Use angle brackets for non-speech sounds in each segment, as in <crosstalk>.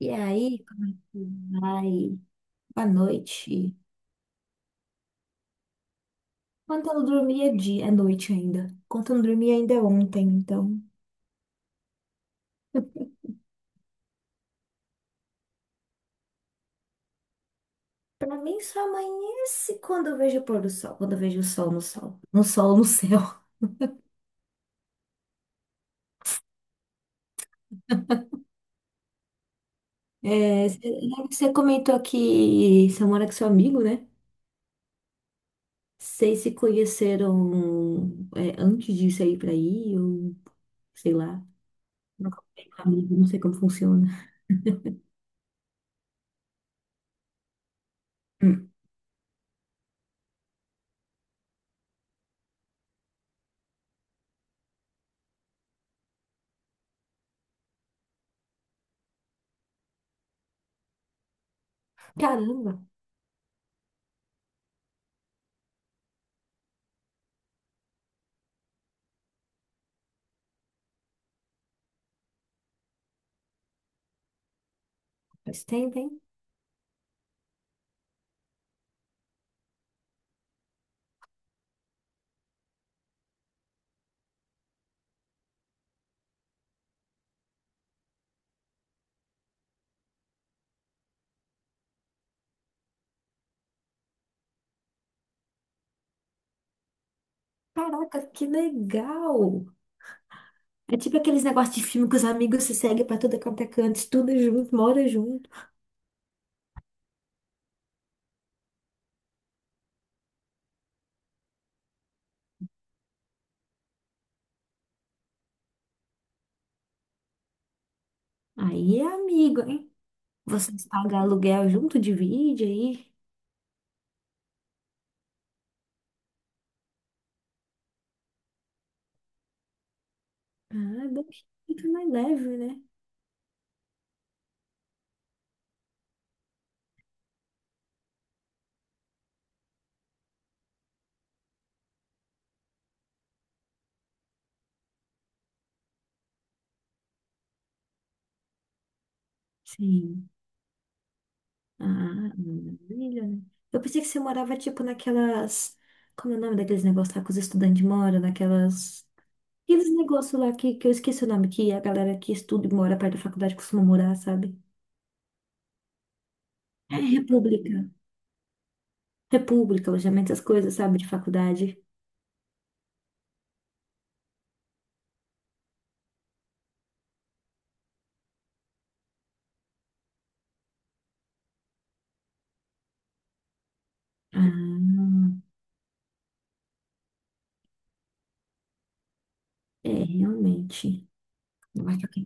E aí, como é que vai? Boa noite. Quando eu não dormi é dia, é noite ainda. Quando eu não dormi ainda é ontem, então. Pra mim só amanhece quando eu vejo o pôr do sol, quando eu vejo o sol no sol, no sol no céu. <laughs> É, né, você comentou que você mora com seu amigo, né? Vocês se conheceram é, antes de sair pra aí, ou sei lá. Nunca falei com amigo, não sei como funciona. Hum. Caramba, faz tempo, hein? Caraca, que legal! É tipo aqueles negócios de filme que os amigos se seguem pra tudo quanto é canto, estuda junto, mora junto. Aí é amigo, hein? Vocês pagam aluguel junto, divide aí. Ah, é bom, fica mais leve, né? Sim. Ah, maravilha, né? Eu pensei que você morava, tipo, naquelas... Como é o nome daqueles negócios lá que os estudantes moram? Naquelas... Aqueles negócios lá que eu esqueci o nome, que a galera que estuda e mora perto da faculdade costuma morar, sabe? É República. República, alojamento, essas coisas, sabe? De faculdade. Ah. É, realmente. Mas que eu tenho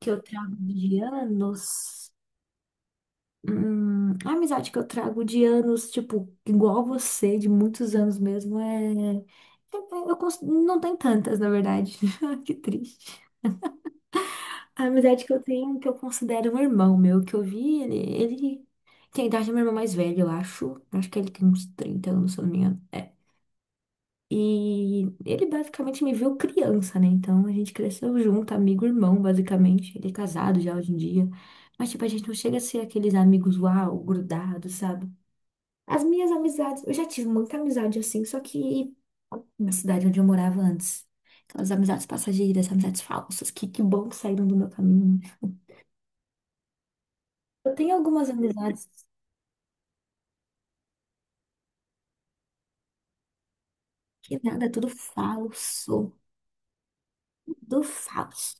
que eu trago de anos. A amizade que eu trago de anos, tipo, igual você, de muitos anos mesmo, é. Eu não tem tantas, na verdade. <laughs> Que triste. A amizade que eu tenho, que eu considero um irmão meu, que eu vi, ele tem a idade do meu irmão mais velho, eu acho. Acho que ele tem uns 30 anos, se eu não me engano. É, e ele basicamente me viu criança, né? Então a gente cresceu junto, amigo, irmão, basicamente. Ele é casado já hoje em dia. Mas, tipo, a gente não chega a ser aqueles amigos uau, grudados, sabe? As minhas amizades, eu já tive muita amizade assim, só que na cidade onde eu morava antes. Aquelas amizades passageiras, amizades falsas, que bom que saíram do meu caminho, né? Eu tenho algumas amizades que nada, é tudo falso, tudo falso.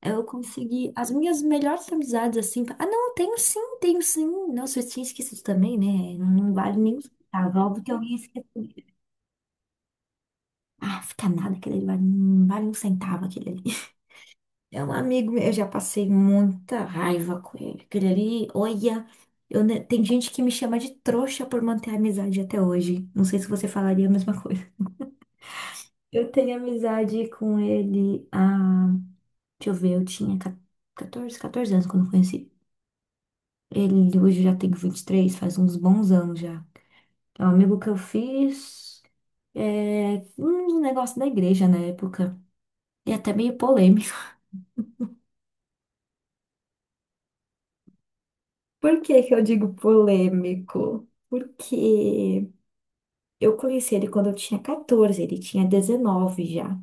Eu consegui as minhas melhores amizades, assim. Ah, não, tenho sim, tenho sim. Nossa, eu tinha esquecido também, né? Não vale nem um centavo. É óbvio que alguém esqueceu. Ah, fica nada, aquele ali vale, não vale um centavo, aquele ali. <laughs> É um amigo meu, eu já passei muita raiva com ele. Aquele ali, olha, tem gente que me chama de trouxa por manter a amizade até hoje. Não sei se você falaria a mesma coisa. Eu tenho amizade com ele há, deixa eu ver, eu tinha catorze anos quando eu conheci. Ele hoje já tem 23, faz uns bons anos já. É um amigo que eu fiz, é, um negócio da igreja na época. E até meio polêmico. <laughs> Por que que eu digo polêmico? Porque eu conheci ele quando eu tinha 14, ele tinha 19 já.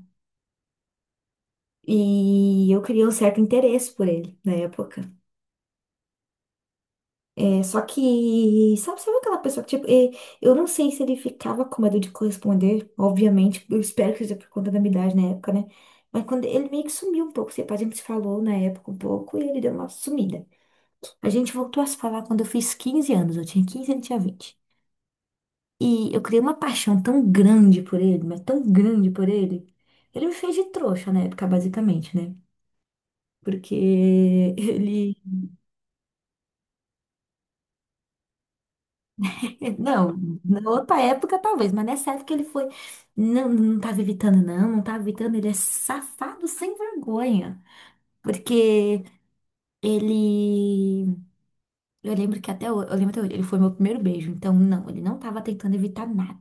E eu criei um certo interesse por ele na época. É, só que, sabe, aquela pessoa que, tipo, é, eu não sei se ele ficava com medo de corresponder, obviamente, eu espero que seja por conta da minha idade na época, né? Mas quando ele meio que sumiu um pouco, tipo, a gente se falou na época um pouco e ele deu uma sumida. A gente voltou a se falar quando eu fiz 15 anos, eu tinha 15 e ele tinha 20. E eu criei uma paixão tão grande por ele, mas tão grande por ele. Ele me fez de trouxa na época, basicamente, né? Porque <laughs> ele. É, não, na outra época talvez, mas nessa época ele foi. Não, não tava evitando, não, não tava evitando. Ele é safado sem vergonha. Porque ele. Eu lembro que até hoje, eu lembro até hoje, ele foi meu primeiro beijo. Então, não, ele não tava tentando evitar nada.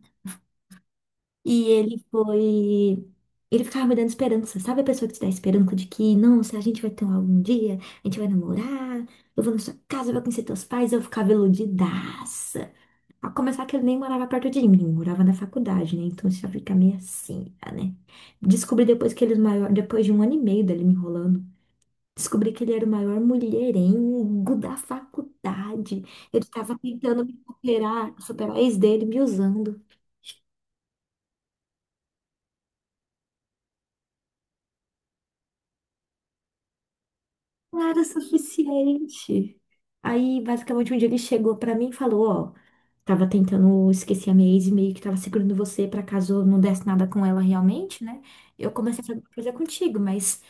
E ele foi. Ele ficava me dando esperança. Sabe a pessoa que te dá esperança de que, não, se a gente vai ter um algum dia, a gente vai namorar, eu vou na sua casa, eu vou conhecer teus pais, eu ficava iludidaça. A começar que ele nem morava perto de mim, morava na faculdade, né? Então isso já fica meio assim, tá, né? Descobri depois que ele era o maior, depois de um ano e meio dele me enrolando, descobri que ele era o maior mulherengo da faculdade. Ele estava tentando me superar, superar a ex dele, me usando. Não era suficiente. Aí, basicamente, um dia ele chegou pra mim e falou, ó, tava tentando esquecer a minha ex e meio que tava segurando você pra caso não desse nada com ela realmente, né? Eu comecei a fazer coisa contigo, mas,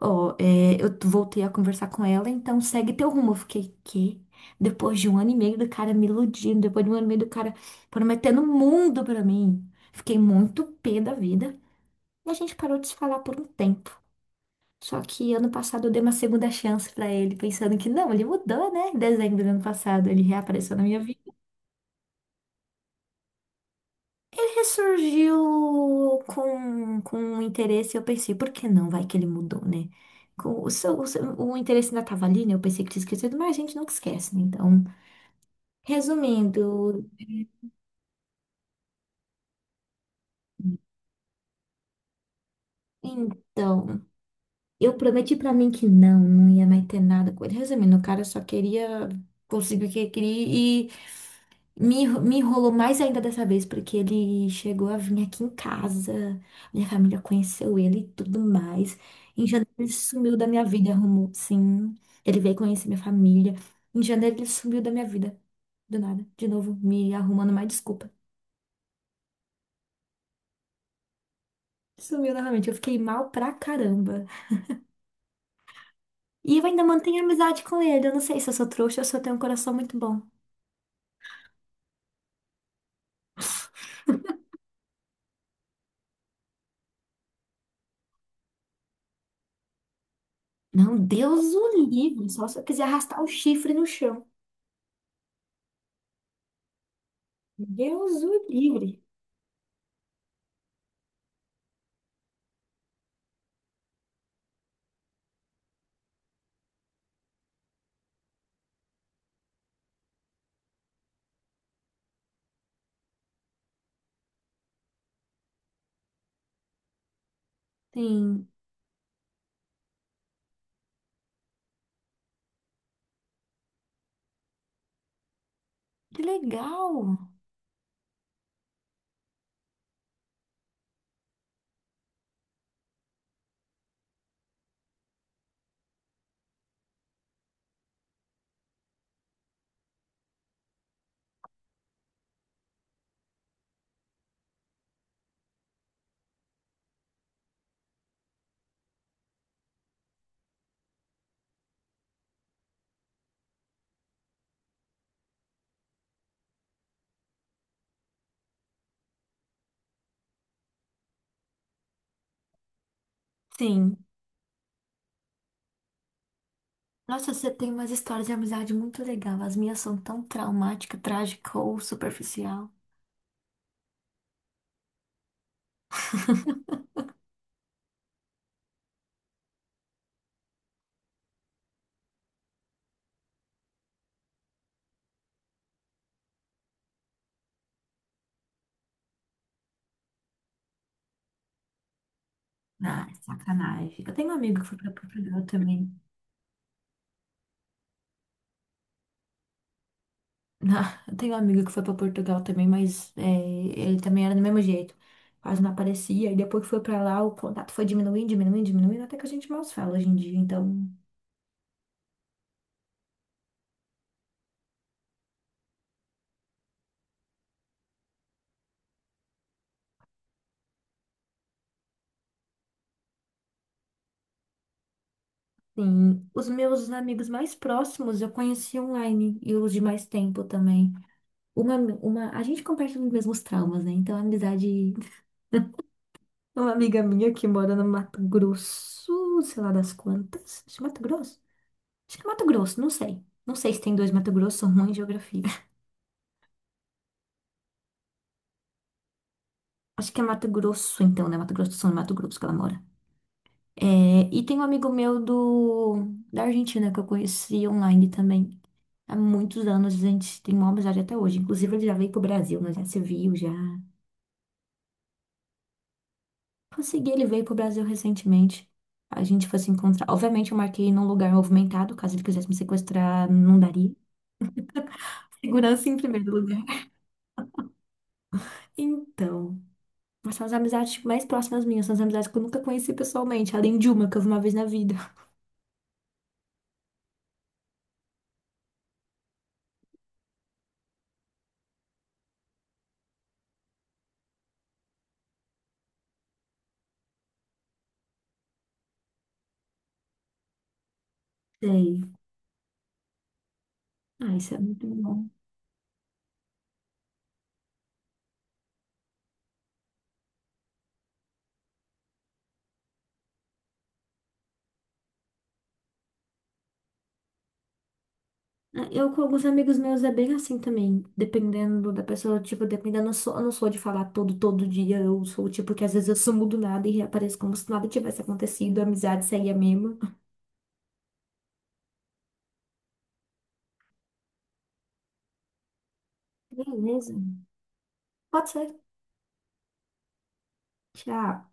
ó, é, eu voltei a conversar com ela, então segue teu rumo. Eu fiquei, quê? Depois de um ano e meio do cara me iludindo, depois de um ano e meio do cara prometendo o mundo pra mim. Fiquei muito pé da vida. E a gente parou de se falar por um tempo. Só que ano passado eu dei uma segunda chance pra ele, pensando que não, ele mudou, né? Em dezembro do ano passado ele reapareceu na minha vida. Ele ressurgiu com um interesse, eu pensei, por que não? Vai que ele mudou, né? O interesse ainda tava ali, né? Eu pensei que tinha esquecido, mas a gente nunca esquece, né? Então, resumindo, então, eu prometi pra mim que não, não ia mais ter nada com ele. Resumindo, o cara só queria conseguir o que queria. Me enrolou mais ainda dessa vez, porque ele chegou a vir aqui em casa, minha família conheceu ele e tudo mais. Em janeiro ele sumiu da minha vida, arrumou, sim. Ele veio conhecer minha família. Em janeiro ele sumiu da minha vida, do nada, de novo, me arrumando mais desculpa. Sumiu novamente, eu fiquei mal pra caramba. E eu ainda mantenho amizade com ele, eu não sei se eu sou trouxa ou se eu tenho um coração muito bom. Não, Deus o livre, só se eu quiser arrastar o chifre no chão. Deus o livre. Sim. Que legal! Sim. Nossa, você tem umas histórias de amizade muito legal. As minhas são tão traumática, trágica ou superficial. <laughs> Ah, é sacanagem. Eu tenho um amigo que foi pra Portugal também. <laughs> Não, eu tenho um amigo que foi para Portugal também, mas é, ele também era do mesmo jeito. Quase não aparecia. E depois que foi para lá, o contato foi diminuindo, diminuindo, diminuindo, até que a gente mal se fala hoje em dia. Então, sim, os meus amigos mais próximos eu conheci online e os de mais tempo também. A gente compartilha os mesmos traumas, né? Então, a amizade. Uma amiga minha que mora no Mato Grosso, sei lá das quantas. Acho que é Mato Grosso? Acho que é Mato Grosso, não sei. Não sei se tem dois Mato Grosso, sou ruim em geografia. <laughs> Acho que é Mato Grosso, então, né? Mato Grosso do Sul, no Mato Grosso que ela mora. É, e tem um amigo meu do, da Argentina que eu conheci online também. Há muitos anos, a gente tem uma amizade até hoje. Inclusive, ele já veio pro Brasil, nós já se viu, já. Consegui, ele veio pro Brasil recentemente. A gente foi se encontrar. Obviamente, eu marquei num lugar movimentado, caso ele quisesse me sequestrar, não daria. Segurança em primeiro lugar. Então, mas são as amizades tipo, mais próximas minhas, são as amizades que eu nunca conheci pessoalmente, além de uma que eu vi uma vez na vida. Sei. Ah, isso é muito bom. Ah, eu com alguns amigos meus é bem assim também, dependendo da pessoa, tipo, dependendo, eu não sou de falar todo dia, eu sou o tipo que às vezes eu sumo do nada e reapareço como se nada tivesse acontecido, a amizade segue a mesma. Beleza. Pode ser. Tchau.